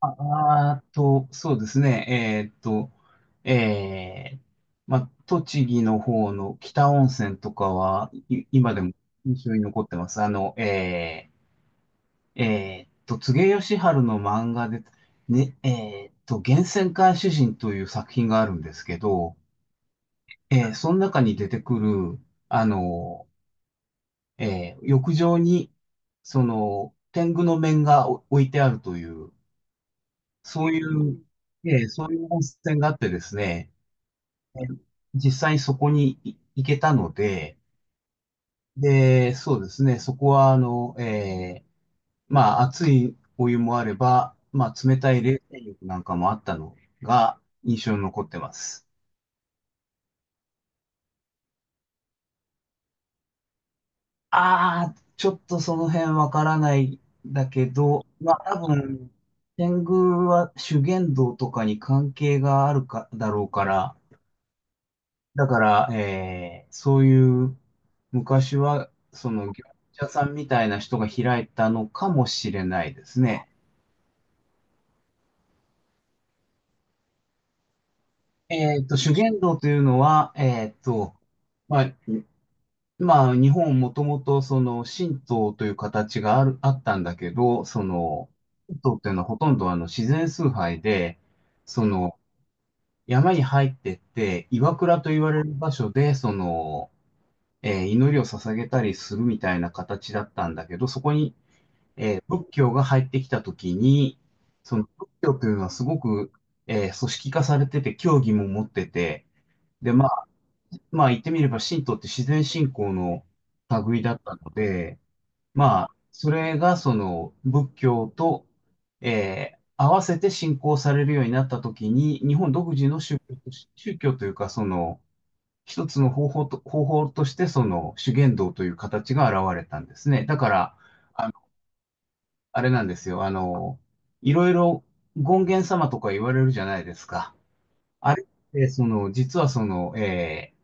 あーと、そうですね。えー、まあ、栃木の方の北温泉とかは、今でも印象に残ってます。柘植義春の漫画で、ね、えーっと、源泉回主人という作品があるんですけど、その中に出てくる、あの、浴場に、その、天狗の面が置いてあるという、そういう、そういう温泉があってですね、え実際にそこに行けたので、で、そうですね、そこは、まあ、熱いお湯もあれば、まあ、冷たい冷泉浴なんかもあったのが印象に残ってます。ああ、ちょっとその辺わからないんだけど、まあ、多分、天狗は修験道とかに関係があるか、だろうから、だから、そういう昔はその業者さんみたいな人が開いたのかもしれないですね。えっと、修験道というのは、えっと、まあ、まあ、日本もともとその神道という形がある、あったんだけど、その、神道っていうのはほとんどあの自然崇拝で、その、山に入ってって、岩倉と言われる場所で、その、祈りを捧げたりするみたいな形だったんだけど、そこに仏教が入ってきたときに、その仏教というのはすごく、組織化されてて、教義も持ってて、で、まあ、まあ言ってみれば神道って自然信仰の類だったので、まあ、それがその仏教と、合わせて信仰されるようになったときに、日本独自の宗教とし、宗教というか、その、一つの方法と、方法として、その、修験道という形が現れたんですね。だから、ああれなんですよ。あの、いろいろ権現様とか言われるじゃないですか。あれって、その、実はその、えー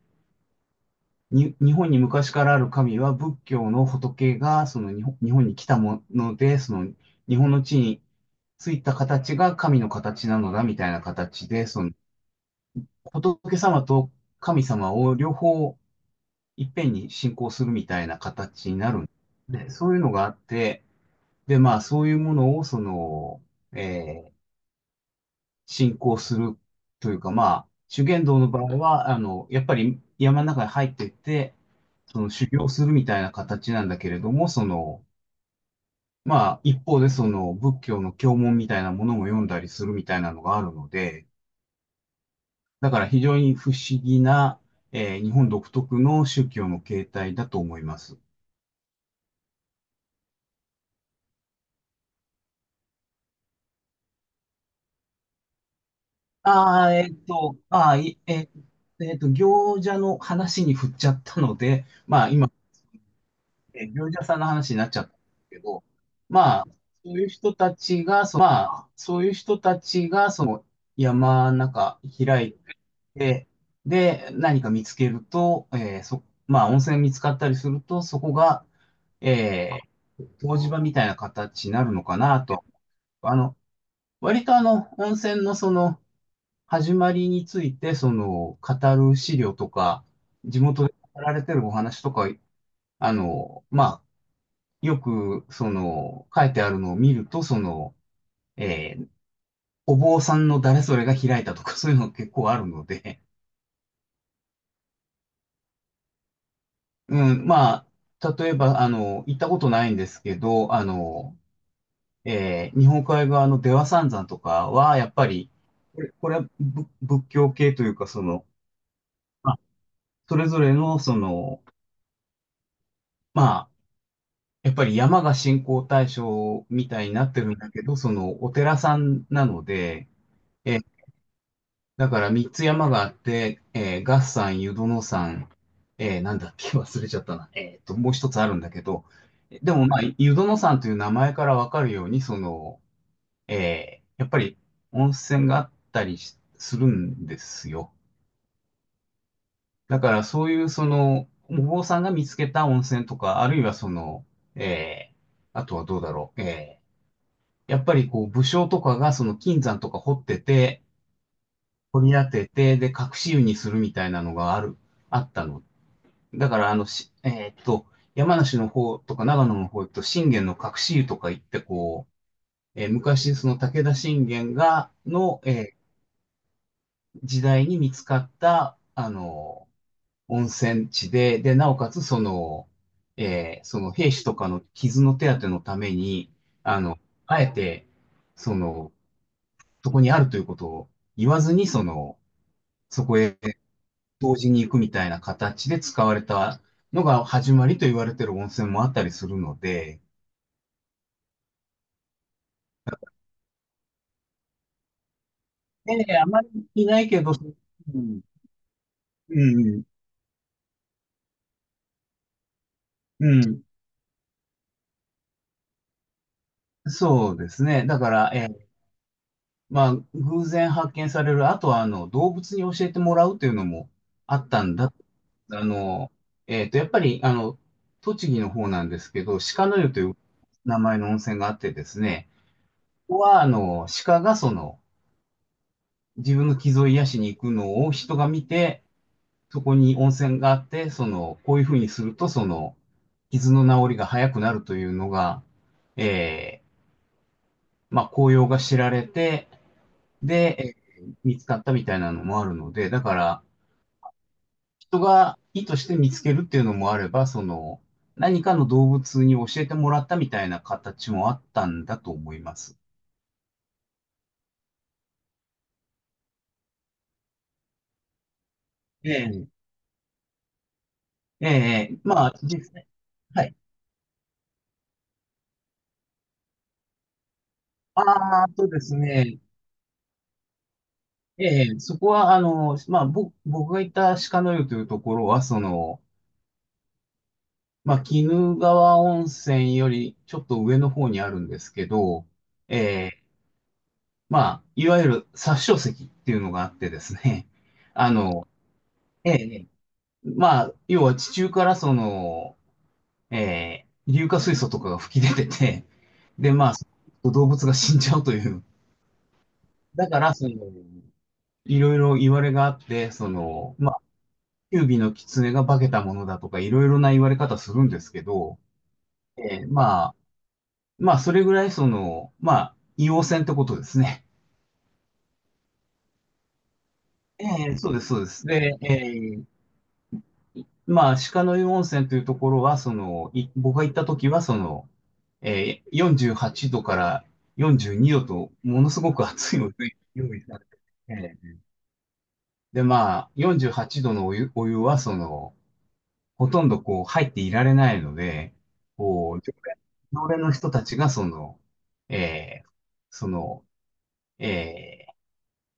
に、日本に昔からある神は仏教の仏が、日本に来たもので、その、日本の地についた形が神の形なのだ、みたいな形で、その、仏様と神様を両方いっぺんに信仰するみたいな形になるんで、そういうのがあって、で、まあ、そういうものを、その、えー進行するというか、まあ、修験道の場合は、あの、やっぱり山の中に入っていって、その修行するみたいな形なんだけれども、その、まあ、一方でその仏教の経文みたいなものも読んだりするみたいなのがあるので、だから非常に不思議な、日本独特の宗教の形態だと思います。ああ、えっと、ああ、いええっと、行者の話に振っちゃったので、まあ、今業者さんの話になっちゃったんですけど、まあ、そういう人たちが、そまあ、そういう人たちが、その山の中開いて、で、何か見つけると、えーそ、まあ、温泉見つかったりすると、そこが、え湯治場みたいな形になるのかなと。あの、割とあの、温泉のその、始まりについて、その、語る資料とか、地元で語られてるお話とか、あの、まあ、よく、その、書いてあるのを見ると、その、えーお坊さんの誰それが開いたとか、そういうの結構あるので、うん、まあ、例えば、あの、行ったことないんですけど、あの、日本海側の出羽三山とかは、やっぱり、これは仏教系というか、その、まあそれぞれの、その、まあ、やっぱり山が信仰対象みたいになってるんだけど、その、お寺さんなので、えだから三つ山があって、えー、合山、湯殿山、えー、なんだっけ、忘れちゃったな。えーと、もう一つあるんだけど、でもまあ、湯殿山という名前からわかるように、その、えー、やっぱり温泉があったりするんですよ。だからそういう、その、お坊さんが見つけた温泉とか、あるいはその、えー、あとはどうだろう。やっぱりこう武将とかがその金山とか掘ってて、掘り当てて、で、隠し湯にするみたいなのがあったの。だから、あの、し、えーっと、山梨の方とか長野の方と信玄の隠し湯とか行って、こう、えー昔、その武田信玄の時代に見つかった、あの、温泉地で、で、なおかつ、その、その兵士とかの傷の手当てのために、あの、あえて、その、そこにあるということを言わずに、その、そこへ同時に行くみたいな形で使われたのが始まりと言われてる温泉もあったりするので、ええ、あまりいないけど、うん、うん、うん。そうですね。だから、ええ、まあ、偶然発見される、あとは、あの、動物に教えてもらうというのもあったんだ。あの、えっと、やっぱり、あの、栃木の方なんですけど、鹿の湯という名前の温泉があってですね、ここは、あの、鹿がその、自分の傷を癒しに行くのを人が見て、そこに温泉があって、その、こういうふうにすると、その、傷の治りが早くなるというのが、えー、まあ、紅葉が知られて、で、見つかったみたいなのもあるので、だから、人が意図して見つけるっていうのもあれば、その、何かの動物に教えてもらったみたいな形もあったんだと思います。ええ、ええ、まあ、実際、はい。ああ、そうですね。ええ、そこは、あの、まあ、僕が行った鹿の湯というところは、その、まあ、鬼怒川温泉よりちょっと上の方にあるんですけど、ええ、まあ、いわゆる殺生石っていうのがあってですね、あの、ええ、まあ、要は地中からその、ええ、硫化水素とかが吹き出てて、で、まあ、動物が死んじゃうという。だから、その、いろいろ言われがあって、その、九尾の狐が化けたものだとか、いろいろな言われ方するんですけど、まあ、まあ、それぐらいその、まあ、硫黄泉ってことですね。そうです、そうです。で、ーまあ、鹿の湯温泉というところは、その、僕が行った時は、その、えー48度から42度と、ものすごく熱いお湯が用意されてて、で、まあ、48度のお湯、お湯は、その、ほとんどこう入っていられないので、こう、常連の人たちがその、えーその、えー、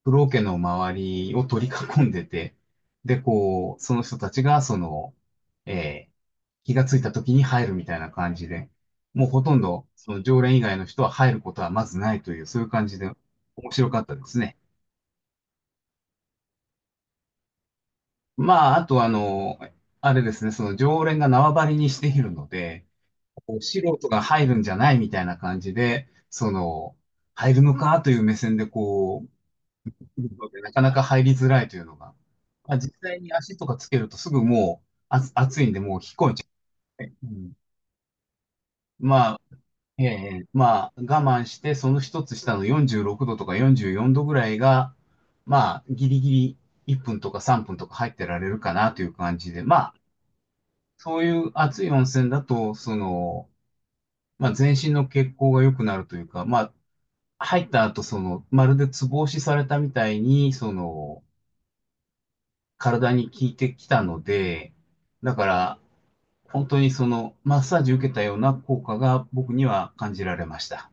風呂桶の周りを取り囲んでて、で、こう、その人たちがその、えー気がついた時に入るみたいな感じで、もうほとんどその常連以外の人は入ることはまずないという、そういう感じで面白かったですね。まあ、あとあの、あれですね、その常連が縄張りにしているので、こう素人が入るんじゃないみたいな感じで、その、入るのかという目線でこう、来るのでなかなか入りづらいというのが。まあ、実際に足とかつけるとすぐもう、あ、暑いんでもう引っ込めちゃう。うん。まあ、ええ、まあ、我慢して、その一つ下の46度とか44度ぐらいが、まあ、ギリギリ1分とか3分とか入ってられるかなという感じで、まあ、そういう熱い温泉だと、その、まあ、全身の血行が良くなるというか、まあ、入った後、その、まるでツボ押しされたみたいに、その、体に効いてきたので、だから、本当にその、マッサージ受けたような効果が僕には感じられました。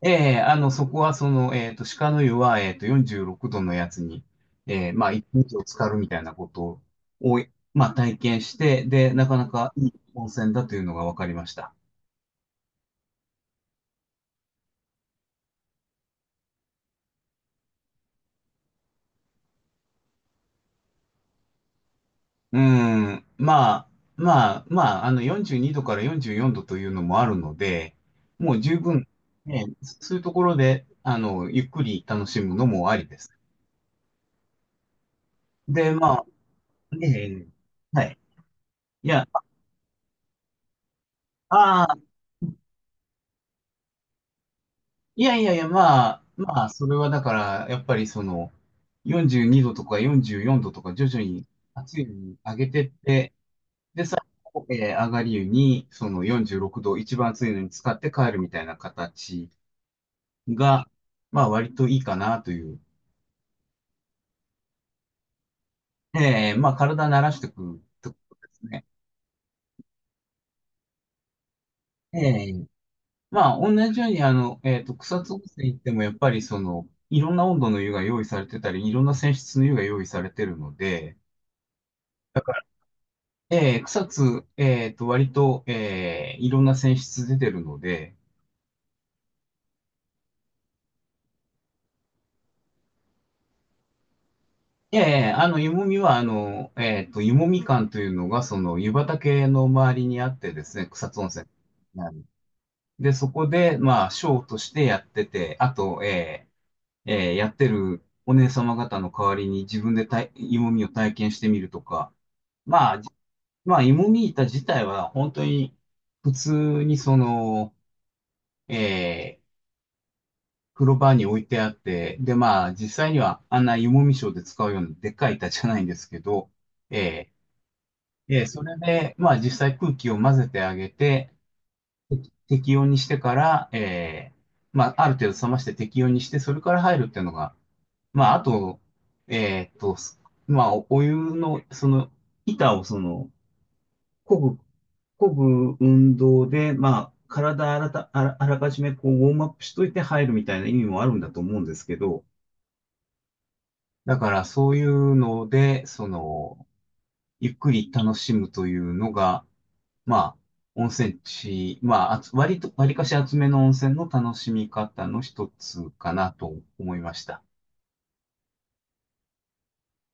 ええ、そこはその、鹿の湯は、46度のやつに、まあ、1日を浸かるみたいなことを、まあ、体験して、で、なかなかいい温泉だというのが分かりました。うん、まあ、あの、42度から44度というのもあるので、もう十分、ね、そういうところで、あの、ゆっくり楽しむのもありです。で、まあ、ね、はい。いや、ああ、いやいやいや、まあ、それはだから、やっぱりその、42度とか44度とか徐々に熱いのに上げてって、で、最後、上がり湯に、その46度、一番熱いのに使って帰るみたいな形が、まあ割といいかなという。まあ体慣らしていくところですね。えー、まあ同じようにあの、草津温泉行ってもやっぱりその、いろんな温度の湯が用意されてたり、いろんな泉質の湯が用意されてるので、だから、草津、割と、いろんな泉質出てるので、ええ、あの、湯もみは、あの、湯もみ館というのが、その、湯畑の周りにあってですね、草津温泉。で、そこで、まあ、ショーとしてやってて、あと、やってるお姉様方の代わりに自分でたい芋みを体験してみるとか、まあ、まあ、芋み板自体は本当に普通にその、えー、風呂場に置いてあって、で、まあ、実際にはあんな芋みショーで使うようなでっかい板じゃないんですけど、えそれで、まあ、実際空気を混ぜてあげて、適温にしてから、まあ、ある程度冷まして適温にして、それから入るっていうのが、まあ、あと、えーっと、まあ、お湯の、その、板をその、漕ぐ、漕ぐ運動で、まあ、体あらた、あら、あらかじめこう、ウォームアップしといて入るみたいな意味もあるんだと思うんですけど、だからそういうので、その、ゆっくり楽しむというのが、まあ、温泉地、まあ、割と、割かし厚めの温泉の楽しみ方の一つかなと思いました。